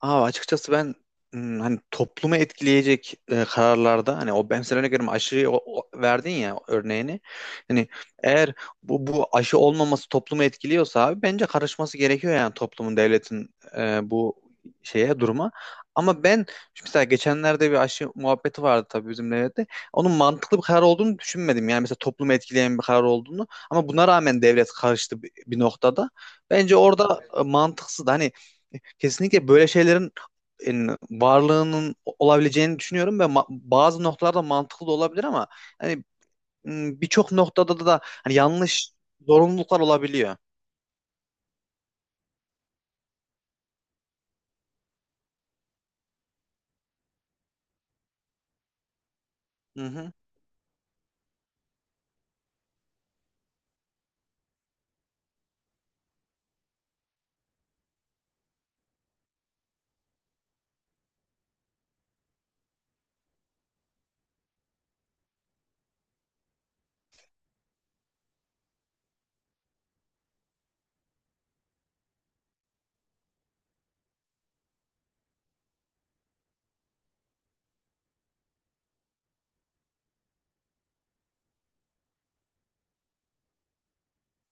Abi açıkçası ben hani toplumu etkileyecek kararlarda hani o ben sen örnek veriyorum aşıyı verdin ya örneğini. Hani eğer bu aşı olmaması toplumu etkiliyorsa abi bence karışması gerekiyor yani toplumun devletin bu duruma. Ama ben mesela geçenlerde bir aşı muhabbeti vardı tabii bizim devlette. Onun mantıklı bir karar olduğunu düşünmedim. Yani mesela toplumu etkileyen bir karar olduğunu. Ama buna rağmen devlet karıştı bir noktada. Bence orada mantıksız. Hani kesinlikle böyle şeylerin varlığının olabileceğini düşünüyorum ve bazı noktalarda mantıklı da olabilir ama hani birçok noktada da hani yanlış zorunluluklar olabiliyor. Hı hı.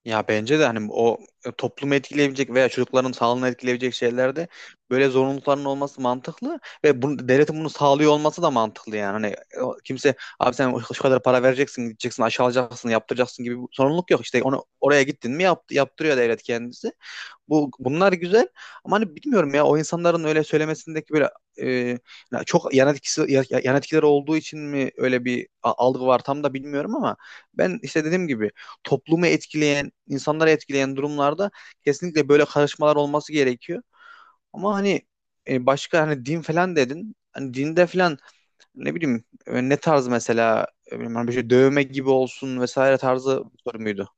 Ya bence de hani o toplumu etkileyebilecek veya çocukların sağlığını etkileyebilecek şeylerde böyle zorunlulukların olması mantıklı ve bunu, devletin bunu sağlıyor olması da mantıklı yani. Hani kimse abi sen şu kadar para vereceksin, gideceksin, aşağılayacaksın, yaptıracaksın gibi bir sorumluluk yok. İşte onu oraya gittin mi yap, yaptırıyor devlet kendisi. Bunlar güzel ama hani bilmiyorum ya o insanların öyle söylemesindeki böyle e, ya çok yan etkisi yan etkileri olduğu için mi öyle bir algı var tam da bilmiyorum ama ben işte dediğim gibi toplumu etkileyen, insanları etkileyen durumlarda kesinlikle böyle karışmalar olması gerekiyor. Ama hani başka hani din falan dedin. Hani dinde falan ne bileyim ne tarz mesela bilmiyorum, hani bir şey dövme gibi olsun vesaire tarzı bir soru muydu?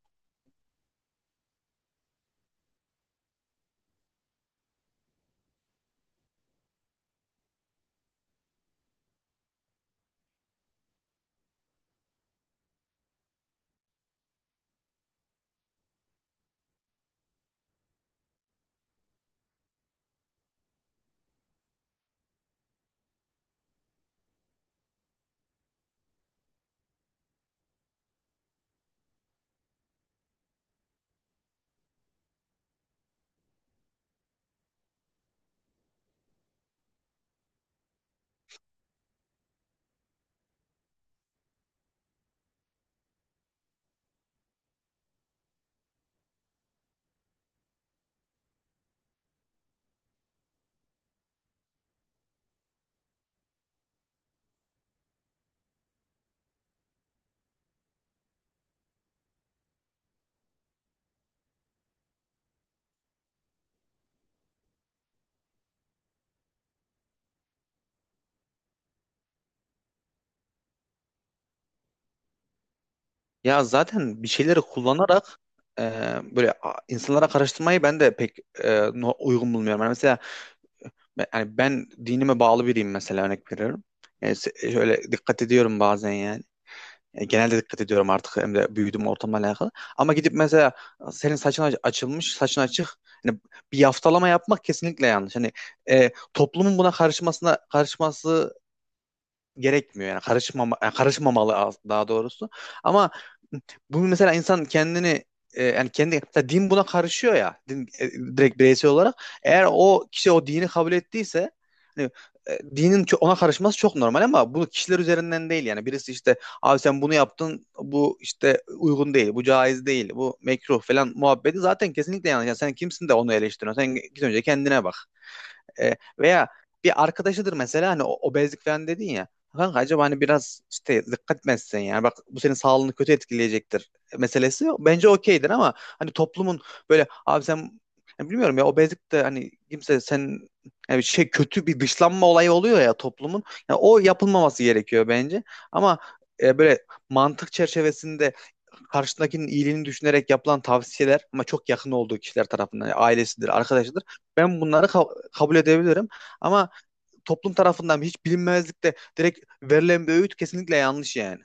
Ya zaten bir şeyleri kullanarak e, böyle insanlara karıştırmayı ben de pek uygun bulmuyorum. Yani mesela yani ben dinime bağlı biriyim mesela örnek veriyorum. Yani şöyle dikkat ediyorum bazen yani. Genelde dikkat ediyorum artık hem de büyüdüğüm ortamla alakalı. Ama gidip mesela senin saçın açılmış, saçın açık. Yani bir yaftalama yapmak kesinlikle yanlış. Hani toplumun buna karışması gerekmiyor yani karışmamalı daha doğrusu. Ama bu mesela insan kendini yani kendi mesela din buna karışıyor ya din direkt bireysel olarak eğer o kişi o dini kabul ettiyse hani dinin ona karışması çok normal ama bu kişiler üzerinden değil yani birisi işte abi sen bunu yaptın bu işte uygun değil bu caiz değil bu mekruh falan muhabbeti zaten kesinlikle yanlış. Yani sen kimsin de onu eleştiriyorsun sen git önce kendine bak. Veya bir arkadaşıdır mesela hani obezlik falan dedin ya. Kanka acaba hani biraz işte dikkat mi etsen yani bak bu senin sağlığını kötü etkileyecektir meselesi bence okeydir ama hani toplumun böyle abi sen yani bilmiyorum ya obezlik de hani kimse sen yani şey kötü bir dışlanma olayı oluyor ya toplumun. Yani o yapılmaması gerekiyor bence ama böyle mantık çerçevesinde karşıdakinin iyiliğini düşünerek yapılan tavsiyeler ama çok yakın olduğu kişiler tarafından yani ailesidir, arkadaşıdır. Ben bunları kabul edebilirim ama toplum tarafından hiç bilinmezlikte direkt verilen bir öğüt kesinlikle yanlış yani.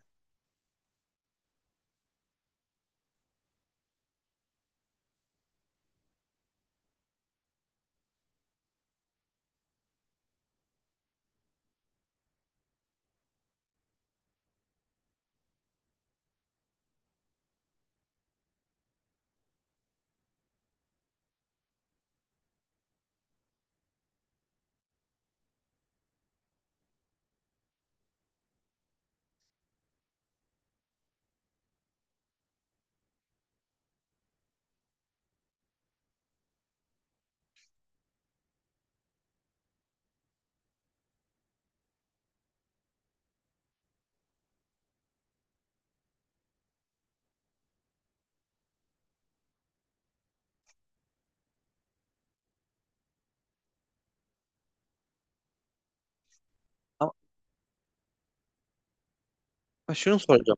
Ama şunu soracağım.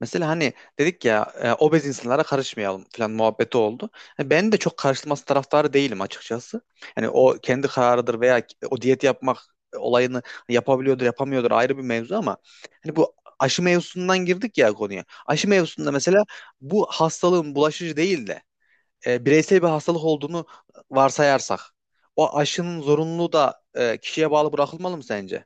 Mesela hani dedik ya obez insanlara karışmayalım falan muhabbeti oldu. Yani ben de çok karışılması taraftarı değilim açıkçası. Yani o kendi kararıdır veya o diyet yapmak olayını yapabiliyordur yapamıyordur ayrı bir mevzu ama hani bu aşı mevzusundan girdik ya konuya. Aşı mevzusunda mesela bu hastalığın bulaşıcı değil de bireysel bir hastalık olduğunu varsayarsak o aşının zorunluluğu da kişiye bağlı bırakılmalı mı sence?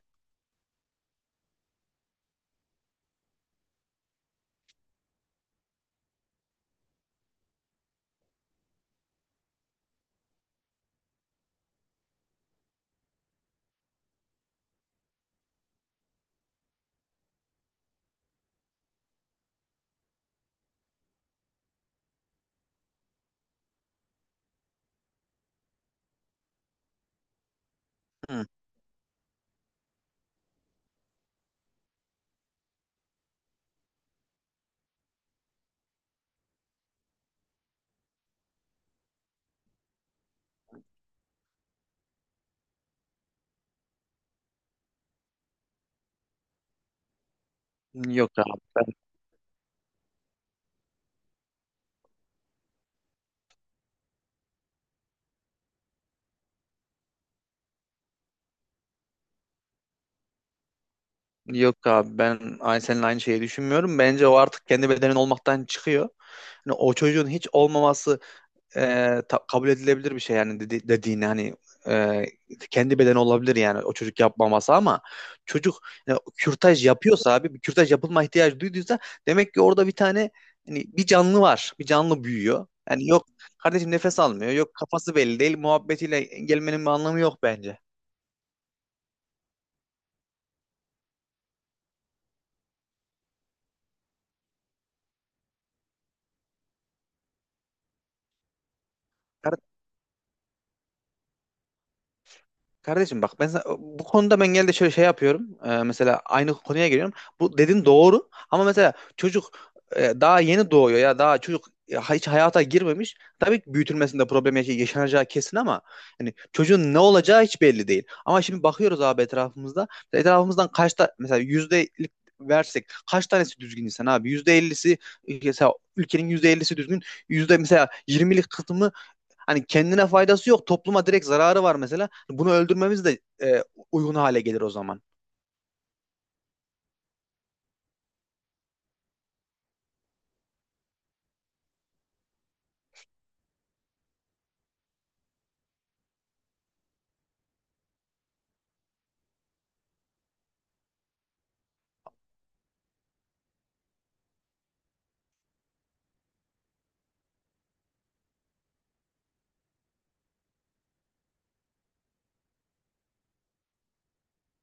Hı. Yok abi. Yok abi ben aynı seninle aynı şeyi düşünmüyorum. Bence o artık kendi bedenin olmaktan çıkıyor. Hani o çocuğun hiç olmaması kabul edilebilir bir şey yani dediğini hani e, kendi bedeni olabilir yani o çocuk yapmaması ama çocuk kürtaj yapıyorsa abi bir kürtaj yapılma ihtiyacı duyduysa demek ki orada bir tane hani bir canlı var. Bir canlı büyüyor. Yani yok kardeşim nefes almıyor. Yok kafası belli değil. Muhabbetiyle gelmenin bir anlamı yok bence. Kardeşim bak bu konuda ben genelde şöyle şey yapıyorum. Mesela aynı konuya geliyorum. Bu dedin doğru ama mesela çocuk daha yeni doğuyor ya daha çocuk hiç hayata girmemiş. Tabii ki büyütülmesinde problem yaşanacağı kesin ama hani çocuğun ne olacağı hiç belli değil. Ama şimdi bakıyoruz abi etrafımızda. Etrafımızdan kaçta mesela yüzdelik versek kaç tanesi düzgün insan abi? Yüzde ellisi mesela ülkenin yüzde ellisi düzgün. Yüzde mesela yirmilik kısmı, hani kendine faydası yok. Topluma direkt zararı var mesela. Bunu öldürmemiz de uygun hale gelir o zaman.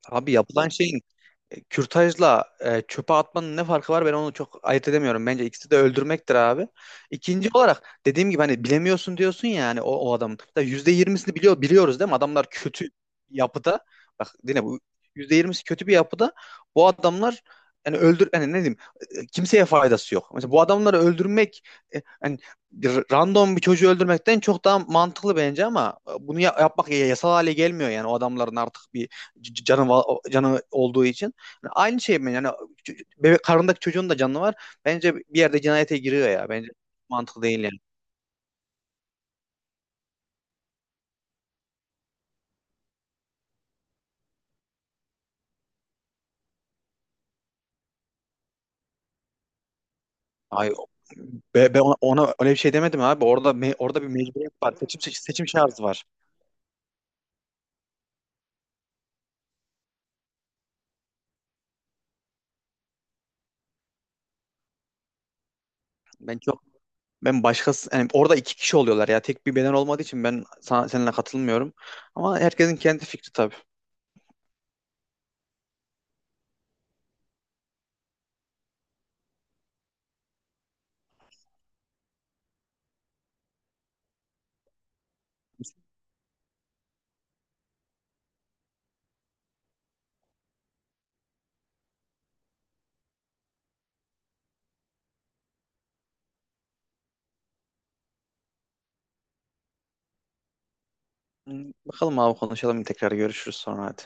Abi yapılan şeyin, kürtajla çöpe atmanın ne farkı var, ben onu çok ayırt edemiyorum. Bence ikisi de öldürmektir abi. İkinci olarak dediğim gibi hani bilemiyorsun diyorsun ya hani o adamın da yüzde yirmisini biliyoruz değil mi? Adamlar kötü yapıda. Bak yine bu %20'si kötü bir yapıda. Bu adamlar yani öldür yani ne diyeyim kimseye faydası yok. Mesela bu adamları öldürmek hani random bir çocuğu öldürmekten çok daha mantıklı bence ama bunu yapmak yasal hale gelmiyor yani o adamların artık bir canı olduğu için. Aynı şey mi? Yani bebek karnındaki çocuğun da canı var. Bence bir yerde cinayete giriyor ya. Bence mantıklı değil yani. Ay be- be ona, ona öyle bir şey demedim abi. Orada orada bir mecburiyet var. Seçim şarjı var. Ben çok ben başkası yani orada iki kişi oluyorlar ya. Tek bir beden olmadığı için ben seninle katılmıyorum. Ama herkesin kendi fikri tabii. Bakalım abi konuşalım, tekrar görüşürüz sonra, hadi.